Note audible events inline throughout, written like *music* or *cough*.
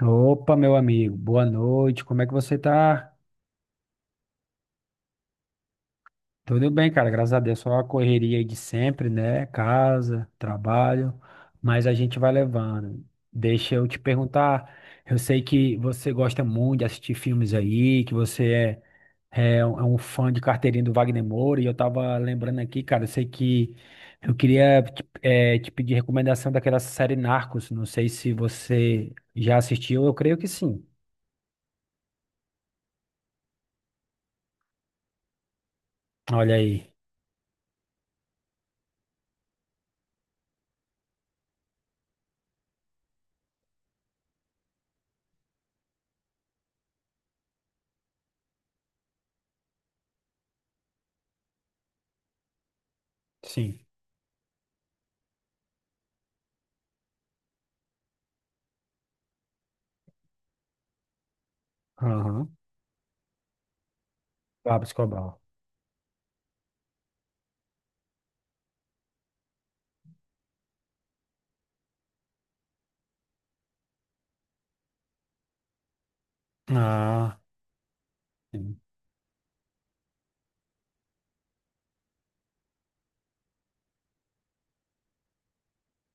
Opa, meu amigo, boa noite. Como é que você tá? Tudo bem, cara, graças a Deus. Só a correria aí de sempre, né? Casa, trabalho, mas a gente vai levando. Deixa eu te perguntar. Eu sei que você gosta muito de assistir filmes aí, que você é, um fã de carteirinha do Wagner Moura, e eu tava lembrando aqui, cara, eu sei que eu queria te, te pedir recomendação daquela série Narcos. Não sei se você já assistiu, eu creio que sim. Olha aí. Sim. Aham. Pablo Escobar. Ah, sim.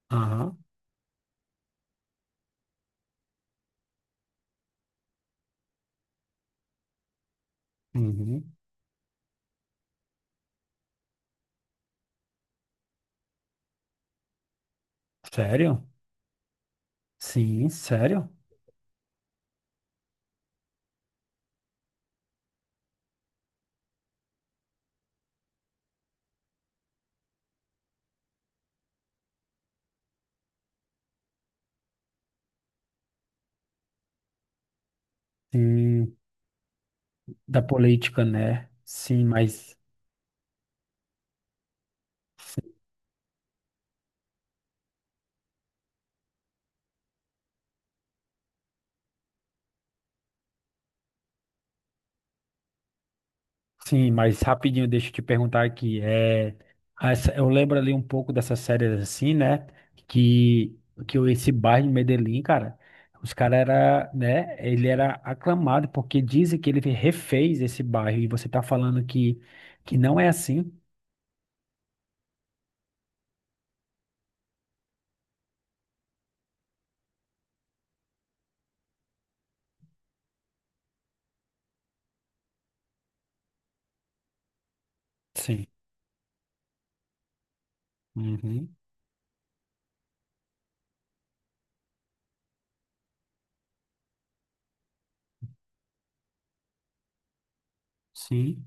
Aham. Uhum. Sério? Sim, sério? Sim, da política, né? Sim, mas rapidinho, deixa eu te perguntar aqui. É, eu lembro ali um pouco dessas séries assim, né? Que, que o esse bairro de Medellín, cara, os caras era, né? Ele era aclamado porque dizem que ele refez esse bairro e você tá falando que não é assim. Sim. Uhum. Sim.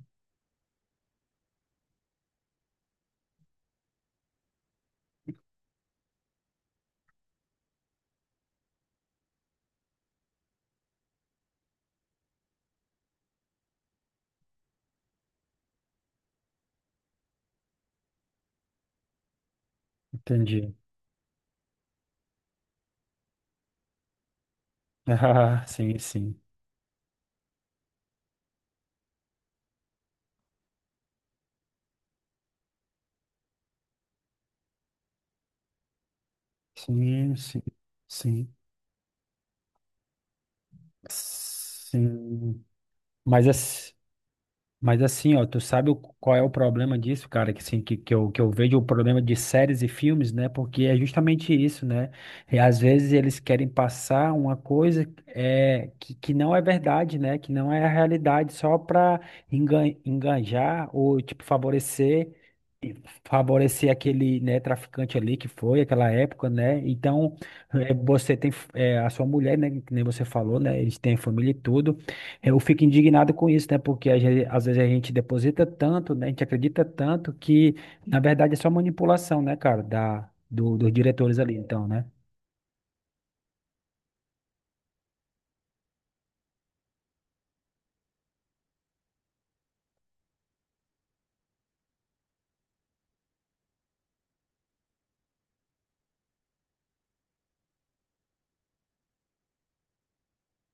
Entendi. *laughs* Ah, sim, sim. Sim, sim, sim, sim. Mas, mas assim, ó, tu sabe qual é o problema disso, cara? Que, assim, eu, que eu vejo o problema de séries e filmes, né? Porque é justamente isso, né? E às vezes eles querem passar uma coisa é, que não é verdade, né? Que não é a realidade, só pra enganjar ou, tipo, favorecer. E favorecer aquele, né, traficante ali que foi aquela época, né? Então, você tem a sua mulher, né, que nem você falou, né? Eles têm família e tudo. Eu fico indignado com isso, né? Porque às vezes a gente deposita tanto, né? A gente acredita tanto que, na verdade, é só manipulação, né, cara, dos diretores ali, então, né?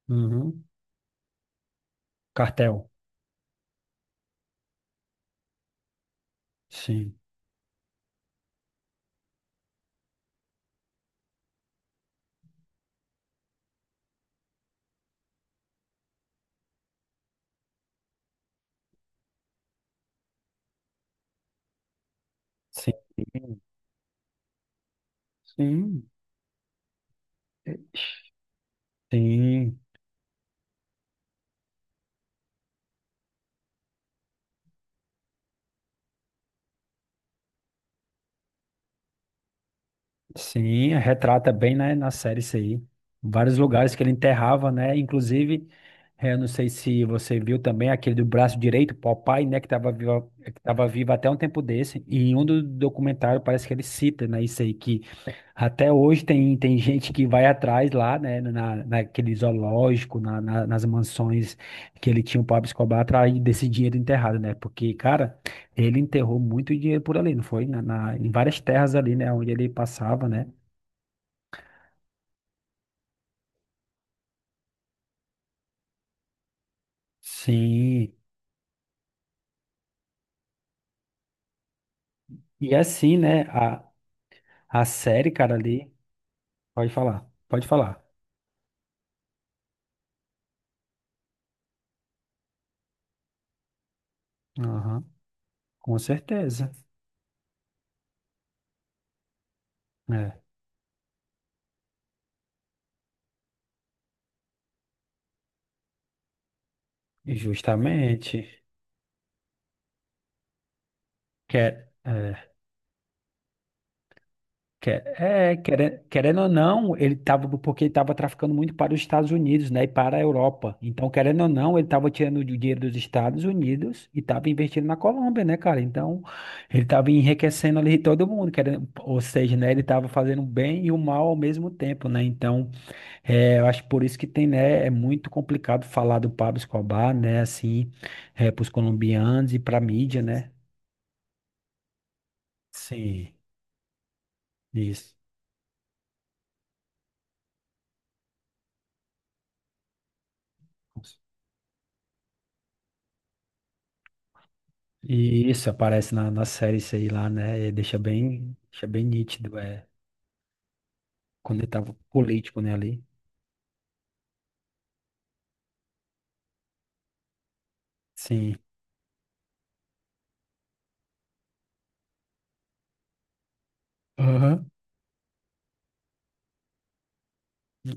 Uhum. Cartel. Sim. Sim. Sim. Sim. Sim, retrata bem, né, na série isso aí. Vários lugares que ele enterrava, né? Inclusive, eu não sei se você viu também aquele do braço direito, Popeye, né, que estava vivo, que tava vivo até um tempo desse. E em um do documentário parece que ele cita, né, isso aí, que até hoje tem, tem gente que vai atrás lá, né, na, naquele zoológico, na, nas mansões que ele tinha o Pablo Escobar atrás desse dinheiro enterrado, né? Porque, cara, ele enterrou muito dinheiro por ali, não foi? Na, em várias terras ali, né, onde ele passava, né? Sim. E assim, né? A série, cara, ali. Pode falar, pode falar. Aham, com certeza. É, e justamente. Quer, é, querendo ou não, ele tava, porque ele tava traficando muito para os Estados Unidos, né? E para a Europa. Então, querendo ou não, ele tava tirando o dinheiro dos Estados Unidos e tava investindo na Colômbia, né, cara? Então, ele tava enriquecendo ali todo mundo, querendo, ou seja, né? Ele tava fazendo o bem e o mal ao mesmo tempo, né? Então. É, eu acho por isso que tem, né, é muito complicado falar do Pablo Escobar, né, assim, é, para os colombianos e para a mídia, né? Sim, isso. E isso aparece na, na série isso aí lá, né? E deixa bem nítido, é, quando ele tava político, né, ali. Sim. Aham.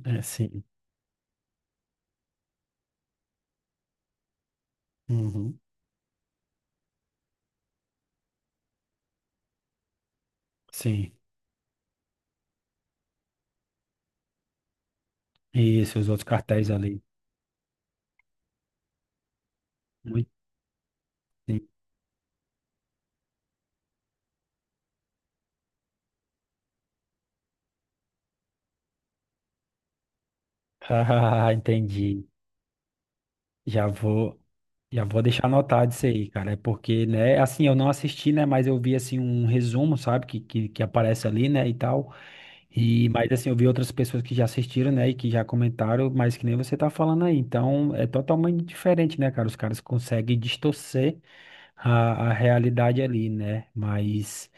É, sim. Uhum. Sim. Isso, os outros cartéis ali. Muito, sim. *laughs* Ah, entendi. Já vou, já vou deixar anotado isso aí, cara. É porque, né, assim, eu não assisti, né, mas eu vi, assim, um resumo, sabe, que aparece ali, né, e tal. E, mas, assim, eu vi outras pessoas que já assistiram, né, e que já comentaram, mas que nem você tá falando aí. Então, é totalmente diferente, né, cara? Os caras conseguem distorcer a realidade ali, né? Mas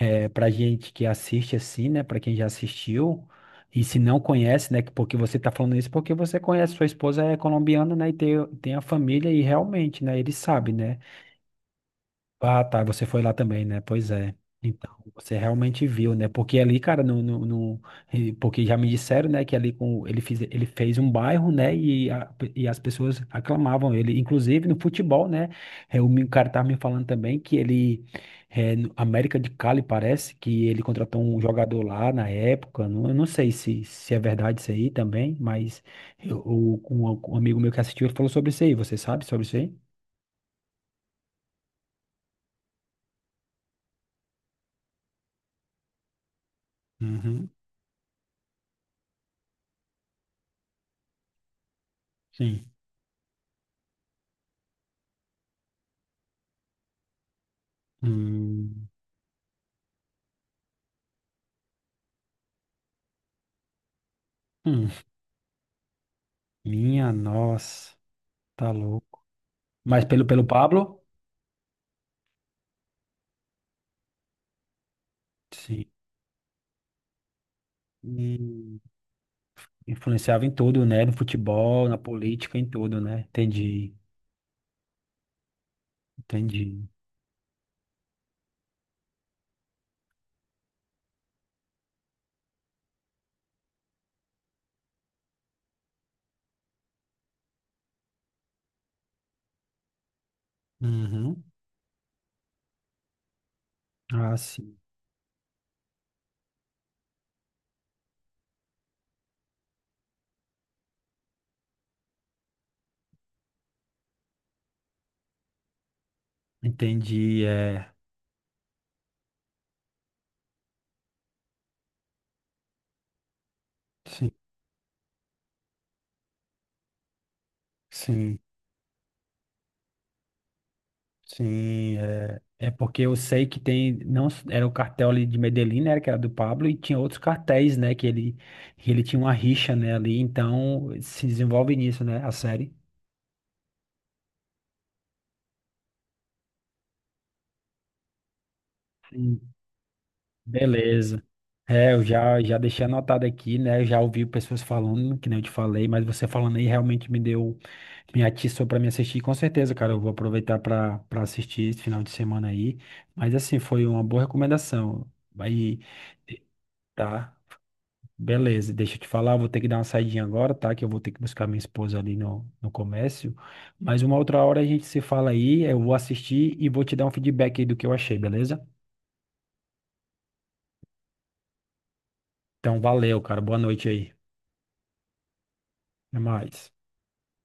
é, para gente que assiste assim, né? Para quem já assistiu e se não conhece, né? Porque você tá falando isso porque você conhece, sua esposa é colombiana, né? E tem, tem a família e realmente, né? Ele sabe, né? Ah, tá, você foi lá também, né? Pois é. Então, você realmente viu, né? Porque ali, cara, porque já me disseram, né, que ali com ele fez um bairro, né, e, e as pessoas aclamavam ele, inclusive no futebol, né? É, o cara tava me falando também que ele é, no América de Cali parece que ele contratou um jogador lá na época. Não, eu não sei se, se é verdade isso aí também, mas eu, o- um amigo meu que assistiu ele falou sobre isso aí. Você sabe sobre isso aí? Uhum, sim. Hum. Hum, minha nossa, tá louco. Mas pelo, pelo Pablo? Sim. Hum, influenciava em tudo, né? No futebol, na política, em tudo, né? Entendi, entendi. Uhum. Ah, sim. Entendi, é. Sim, sim, sim, é. É porque eu sei que tem, não, era o cartel ali de Medellín, né, que era do Pablo, e tinha outros cartéis, né, que ele tinha uma rixa, né, ali, então se desenvolve nisso, né, a série. Sim. Beleza. É, eu já, já deixei anotado aqui, né? Eu já ouvi pessoas falando, que nem eu te falei, mas você falando aí realmente me deu, me atiçou para me assistir. Com certeza, cara, eu vou aproveitar para assistir esse final de semana aí. Mas assim, foi uma boa recomendação. Aí, tá, beleza. Deixa eu te falar, eu vou ter que dar uma saidinha agora, tá? Que eu vou ter que buscar minha esposa ali no, no comércio. Mas uma outra hora a gente se fala aí, eu vou assistir e vou te dar um feedback aí do que eu achei, beleza? Então, valeu, cara. Boa noite aí. Até mais.